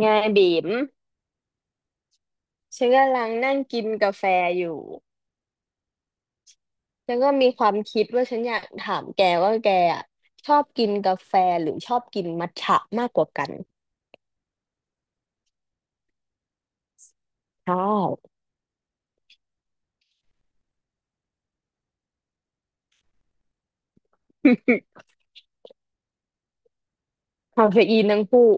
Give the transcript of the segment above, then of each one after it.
ไงบีมฉันกำลังนั่งกินกาแฟอยู่ฉันก็มีความคิดว่าฉันอยากถามแกว่าแกอะชอบกินกาแฟหรือชอบกินมัทฉะมากกว่ากันใช่ คาเฟอีนทั้งคู่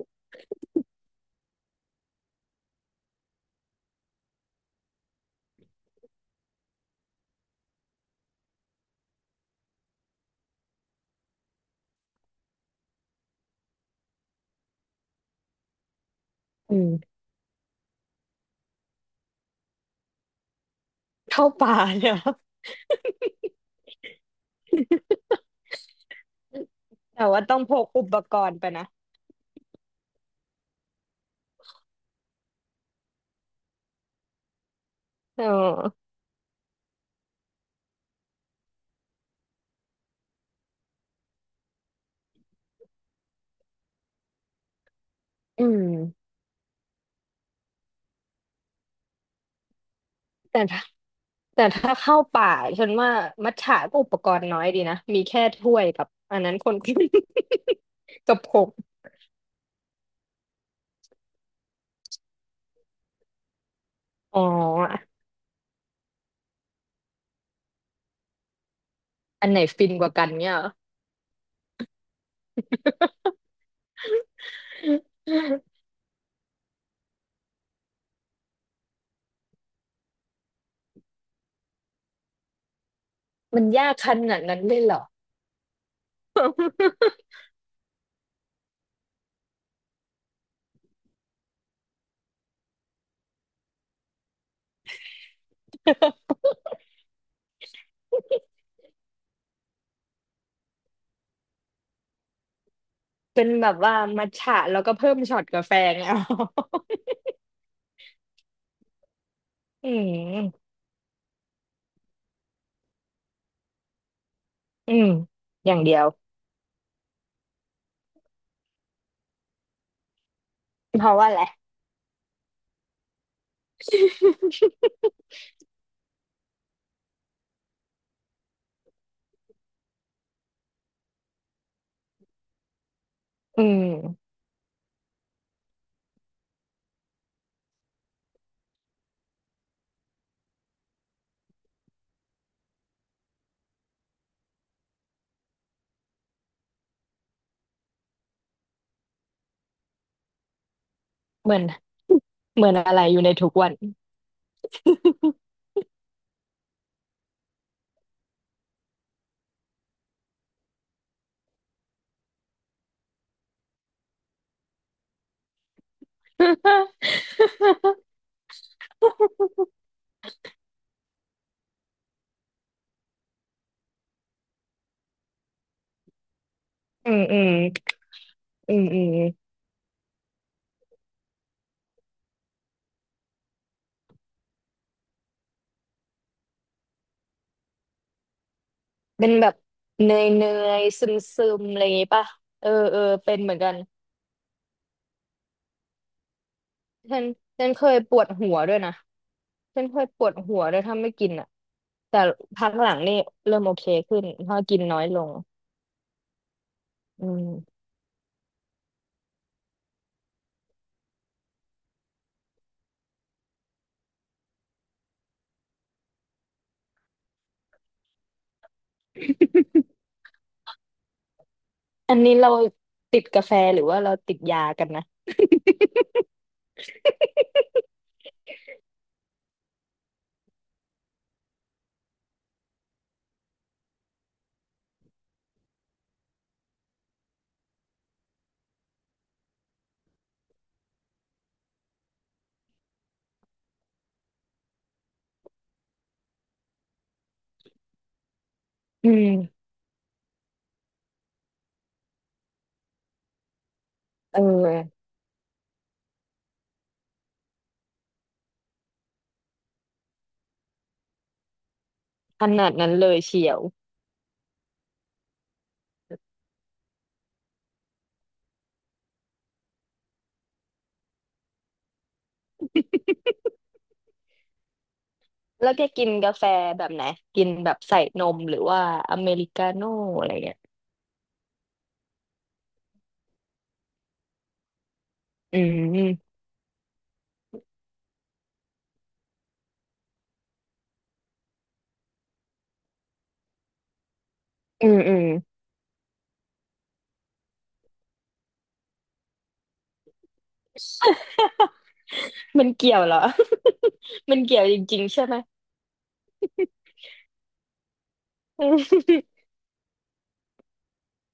อืมเข้าป่าเลยเหรอแต่ว่าต้องพกอุปกรณ์ไปนะเอออืมแต่ถ้าแต่ถ้าเข้าป่าฉันว่ามัทฉะก็อุปกรณ์น้อยดีนะมีแค่ถ้วยกับอันนั้นคน กับ ผงอ๋ออันไหนฟินกว่ากันเนี่ยเหรอ มันยากขนาดนั้นเลยเหรอ เป็นแบบว่ามัทฉะแล้วก็เพิ่มช็อตกาแฟไงเอา อืมอืมอย่างเดียว เพราะว่าแหละไรอืมเหมือนเหมือนอะไรอยู่ในทุกวัน อืมอืมอืมอืมเป็นแบบเนยซึมซึมๆอะไรอย่างงี้ป่ะเออเออเป็นเหมือนกันฉันฉันเคยปวดหัวด้วยนะฉันเคยปวดหัวด้วยถ้าไม่กินอ่ะแต่พักหลังนี่เริ่มโอเคขึ้นเพราะกินน้อยลง อืมอันนี้เราติดกาแฟหรือว่าเราติดยากันนะ อืมเออขนาดนั้นเลยเชียวแล้วแกกินกาแฟแบบไหนกินแบบใส่นมหรือว่าอเมริกาโน่อะไรเงี้ยอืมอืมอืมมันเกี่ยวเหรอ มันเกี่ยวจริงๆใช่ไหมอืม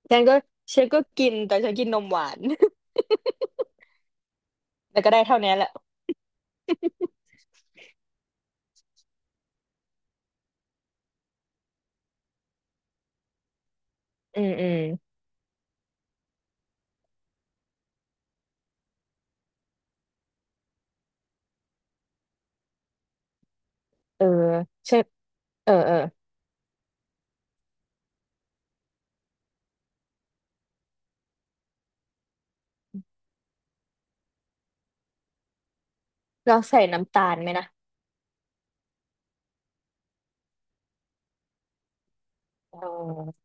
ฉันก็ฉันก็กินแต่ฉันกินนมหวาน แต่ก็ได้เท่านี้แหละอืมอืมเออฉันเออเออเราใส่น้ำตาลไหมนะเออ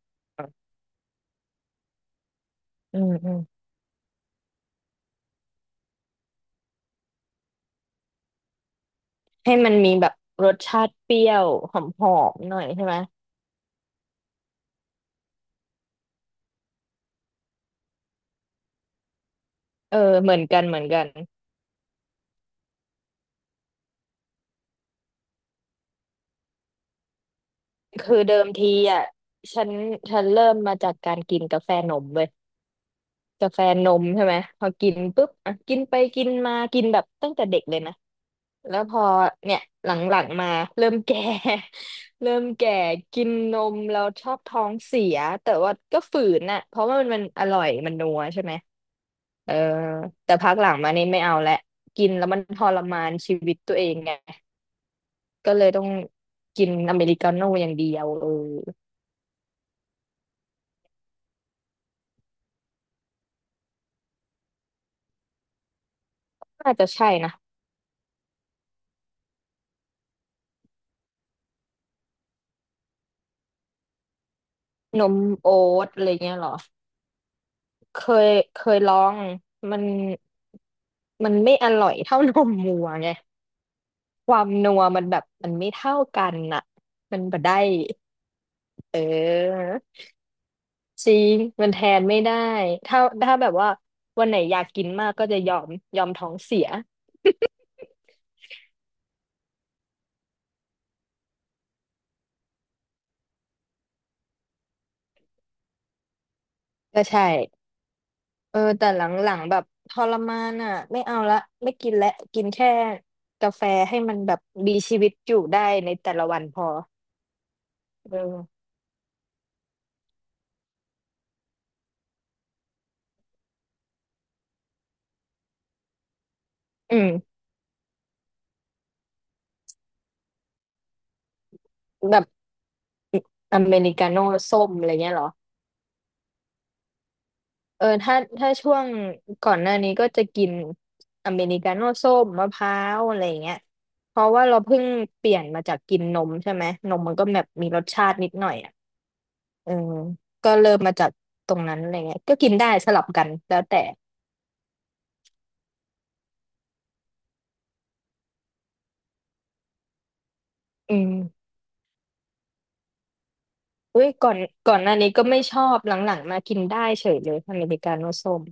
อืมอืม ให้มันมีแบบรสชาติเปรี้ยวหอมๆหน่อยใช่ไหมเออเหมือนกันเหมือนกันคือเดิมทีอ่ะฉันฉันเริ่มมาจากการกินกาแฟนมเว้ยกาแฟนมใช่ไหมพอกินปุ๊บอ่ะกินไปกินมากินแบบตั้งแต่เด็กเลยนะแล้วพอเนี่ยหลังๆมาเริ่มแก่ เริ่มแก่กินนมเราชอบท้องเสียแต่ว่าก็ฝืนน่ะเพราะว่ามันอร่อยมันนัวใช่ไหม เออแต่พักหลังมานี่ไม่เอาและกินแล้วมันทรมานชีวิตตัวเองไงก็เลยต้องกินอเมริกาโน่อย่างเดียวเออน่าจะใช่นะนมโอ๊ตอะไรเงี้ยเหรอเคยเคยลองมันมันไม่อร่อยเท่านมวัวไงความนัวมันแบบมันไม่เท่ากันน่ะมันบ่ได้เออจริงมันแทนไม่ได้ถ้าแบบว่าวันไหนอยากกินมากก็จะยอมยอมท้องเสีย ก็ใช่ เออแต่หลังๆแบบทรมานอ่ะไม่เอาละไม่กินละกินแค่กาแฟให้มันแบบมีชีวิตอยู่ได้ในแต่ละวันพอเอออืมแบบอเมริกาโน่ส้มอะไรเงี้ยเหรอเออถ้าช่วงก่อนหน้านี้ก็จะกินอเมริกาโน่ส้มมะพร้าวอะไรเงี้ยเพราะว่าเราเพิ่งเปลี่ยนมาจากกินนมใช่ไหมนมมันก็แบบมีรสชาตินิดหน่อยอ่ะเออก็เริ่มมาจากตรงนั้นอะไรเงี้ยก็กินได้สลับกันแล้วแต่อืม อุ้ยก่อนก่อนหน้านี้ก็ไม่ชอบหลังๆมากินได้เฉยเลยอเมริกาโน่ส้ม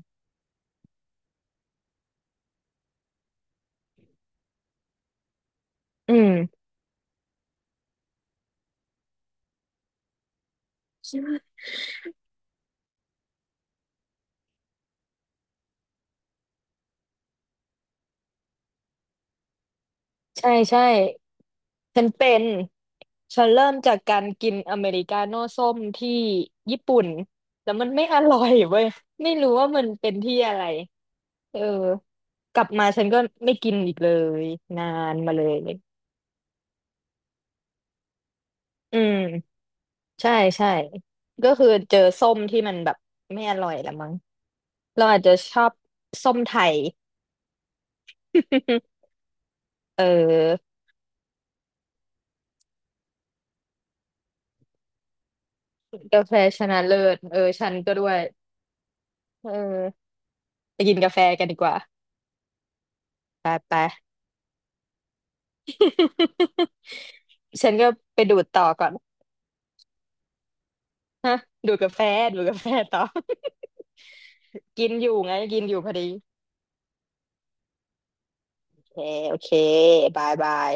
อืมใช่ใช่ฉันเป็นฉันเริ่มจากการกินอเมริกาโน่ส้มที่ญี่ปุ่นแล้วมันไม่อร่อยเว้ยไม่รู้ว่ามันเป็นที่อะไรเออกลับมาฉันก็ไม่กินอีกเลยนานมาเลยอืมใช่ใช่ก็คือเจอส้มที่มันแบบไม่อร่อยละมั้งเราอาจจะชอบส้มไทย เออ กาแฟชนะเลิศเออฉันก็ด้วยเออไปกินกาแฟกันดีกว่าไปไป ฉันก็ไปดูดต่อก่อนฮะดูดกาแฟดูดกาแฟต่อ กินอยู่ไงกินอยู่พอดีโอเคโอเคบายบาย